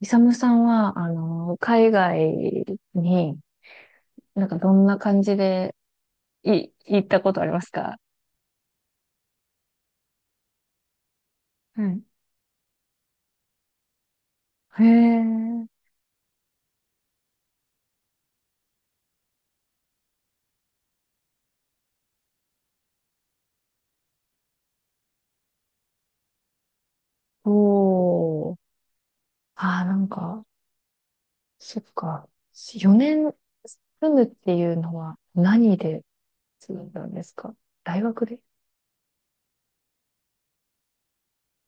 イサムさんは、海外に、どんな感じで、行ったことありますか？はい。へえ。おー。ああ、そっか。4年住むっていうのは何で住んだんですか？大学で？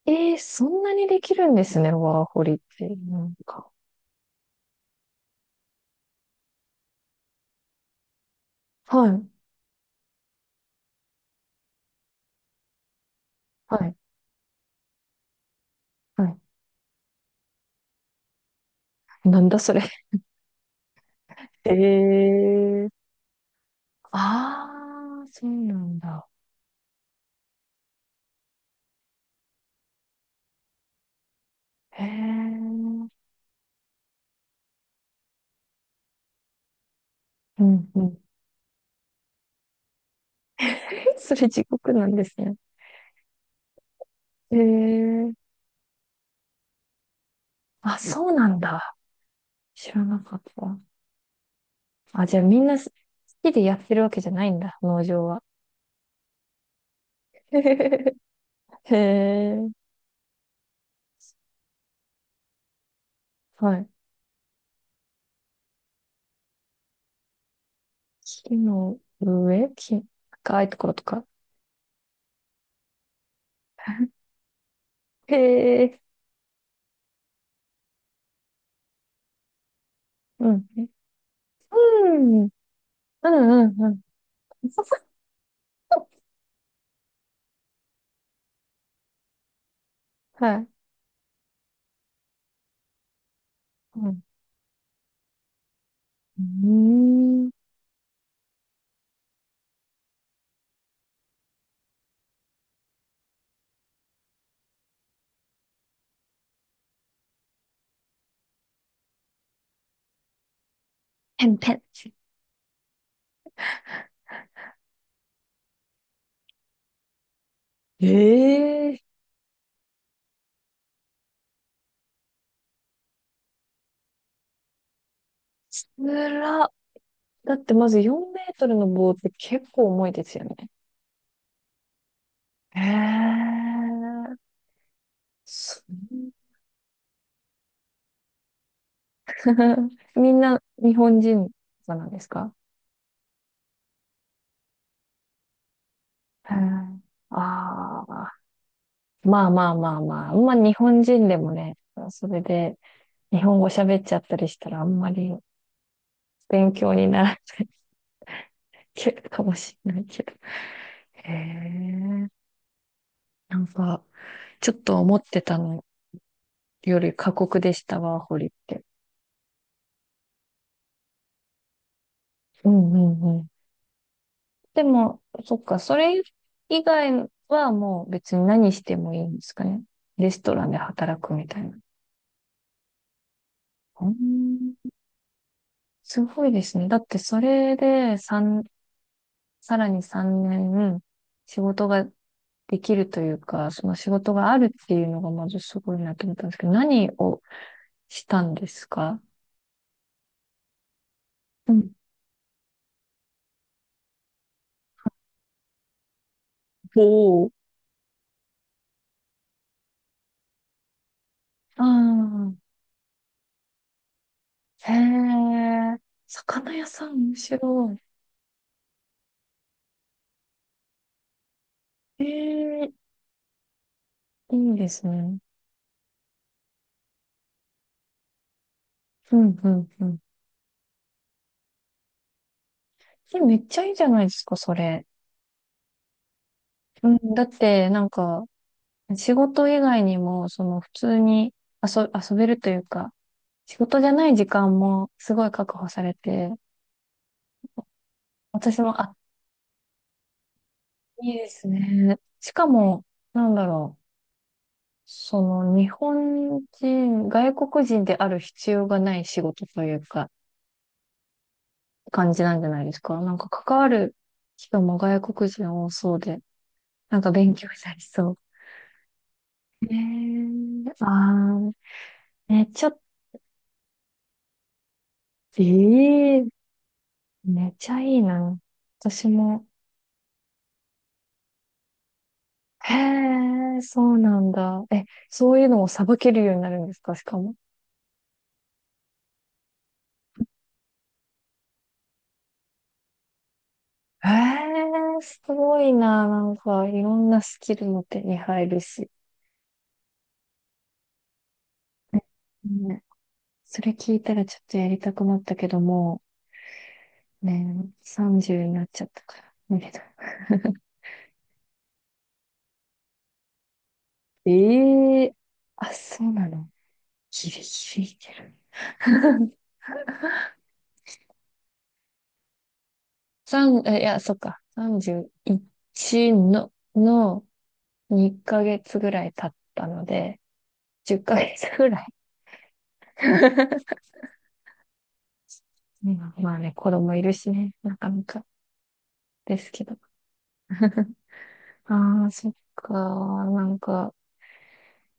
ええー、そんなにできるんですね、ワーホリって。はい。はい。はい。なんだそれ。ええー。ああ、そうなんだ。へえ。うんうん。え、それ地獄なんですね。えー、あ、そうなんだ。知らなかった。あ、じゃあみんな好きでやってるわけじゃないんだ、農場は。へえ。はい。木の上、木、高いところとか。へえ。うん。うん、うん、うん、うん。はい。うん。うーん。ペンペン。ええー、つら。だってまず4メートルの棒って結構重いですよね。へえ。そう。 みんな日本人なんですか？へえ。ああ。まあまあまあまあ。まあ日本人でもね、それで日本語喋っちゃったりしたらあんまり勉強にならないかもしれないけど。へえ。なんか、ちょっと思ってたのより過酷でしたわ、ホリって。うん。うん。でも、そっか、それ以外はもう別に何してもいいんですかね。レストランで働くみたいな。うん、すごいですね。だってそれで三さらに3年仕事ができるというか、その仕事があるっていうのがまずすごいなと思ったんですけど、何をしたんですか？うん。おお。ああ。へえ、魚屋さん面白い。へえ、いいですね。うん、うん、うん。それめっちゃいいじゃないですか、それ。うん、だって、なんか、仕事以外にも、その、普通に遊べるというか、仕事じゃない時間もすごい確保されて、私も、あ、いいですね。しかも、なんだろう、その、日本人、外国人である必要がない仕事というか、感じなんじゃないですか。なんか、関わる人も外国人多そうで、なんか勉強になりそう。ねえ。ああ。ね、ちょっ。ええ。めっちゃいいな。私も。へえ、そうなんだ。え、そういうのもさばけるようになるんですかしかも。へえ、すごいな。なんか、いろんなスキルも手に入るし。ね。それ聞いたらちょっとやりたくなったけども、ね、30になっちゃったから、無理だ。ええ。あ、そうなの。ギリギリいける。いや、そっか。31の、の、2ヶ月ぐらい経ったので、10ヶ月ぐらい。ね、まあね、子供いるしね、なかなかですけど。ああ、そっか。なんか、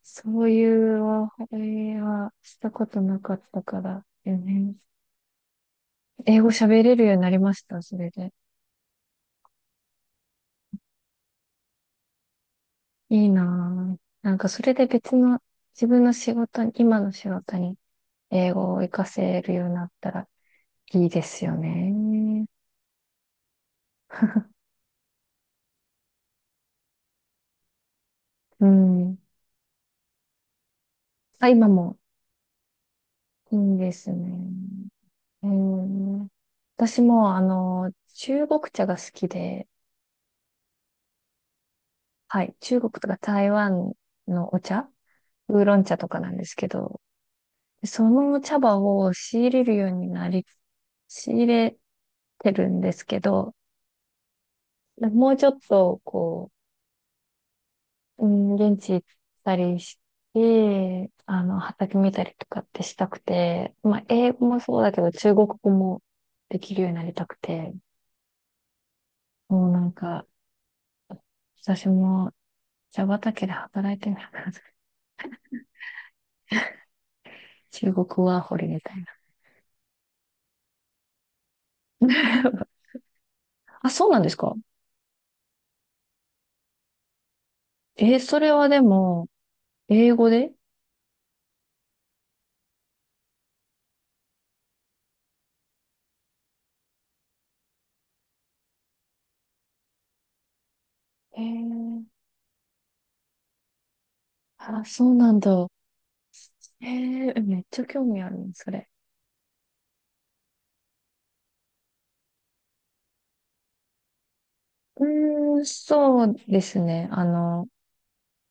そういうお話題はしたことなかったからよね。英語喋れるようになりました、それで。いいな。なんか、それで別の自分の仕事に、今の仕事に英語を活かせるようになったらいいですよね。うん。あ、今もいいんですね。えー、私も、中国茶が好きで、はい、中国とか台湾のお茶、ウーロン茶とかなんですけど、その茶葉を仕入れるようになり、仕入れてるんですけど、もうちょっと、こう、うん、現地行ったりして、畑見たりとかってしたくて、まあ、英語もそうだけど、中国語もできるようになりたくて、もうなんか、私も茶畑で働いてみたいな。中国ワーホリみたいな。あ、そうなんですか？えー、それはでも、英語で？えー、あ、そうなんだ。えー、めっちゃ興味あるの、それ。うーん、そうですね。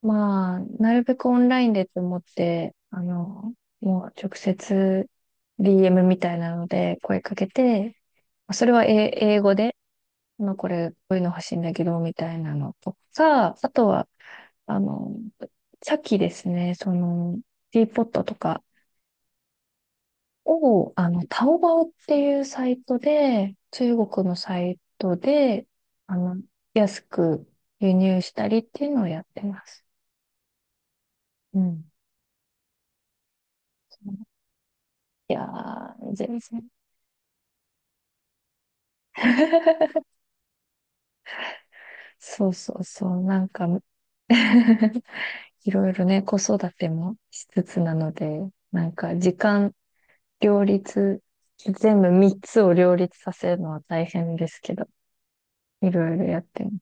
まあ、なるべくオンラインでと思って、もう直接 DM みたいなので声かけて、それは英語で、まあ、これ、こういうの欲しいんだけど、みたいなのとか、あとは、あの、さっきですね、その、ティーポットとかを、タオバオっていうサイトで、中国のサイトで、あの、安く輸入したりっていうのをやってます。うん。いやー、全然。そうそうそう、なんか。 いろいろね、子育てもしつつなので、なんか時間両立、全部3つを両立させるのは大変ですけど、いろいろやってます。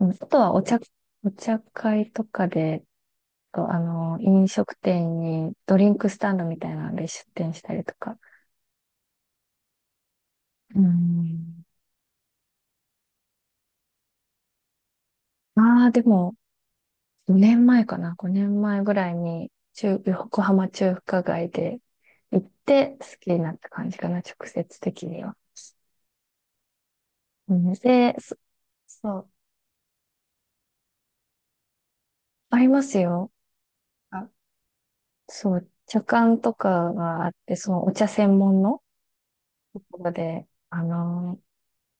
うん、あとはお茶、お茶会とかで、あの、飲食店にドリンクスタンドみたいなので出店したりとか。うん。ああ、でも、5年前かな、5年前ぐらいに、横浜中華街で行って好きになった感じかな、直接的には。うんで、そう、ありますよ。あ、そう、茶館とかがあって、そのお茶専門のところで、あの、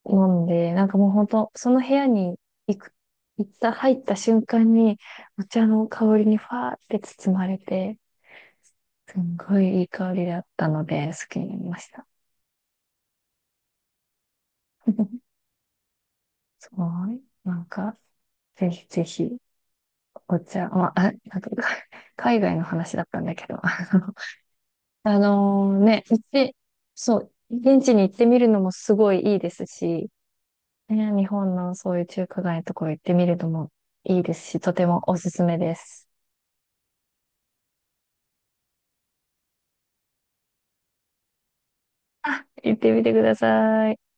なんで、なんかもう本当、その部屋に行く、行った、入った瞬間に、お茶の香りにファーって包まれて、すんごいいい香りだったので、好きになりました。すごい。なんか、ぜひぜひ、お茶、まあ、あなんか、か海外の話だったんだけど、あのね、行って、そう、現地に行ってみるのもすごいいいですし、ね、日本のそういう中華街のところ行ってみるのもいいですし、とてもおすすめです。行ってみてください。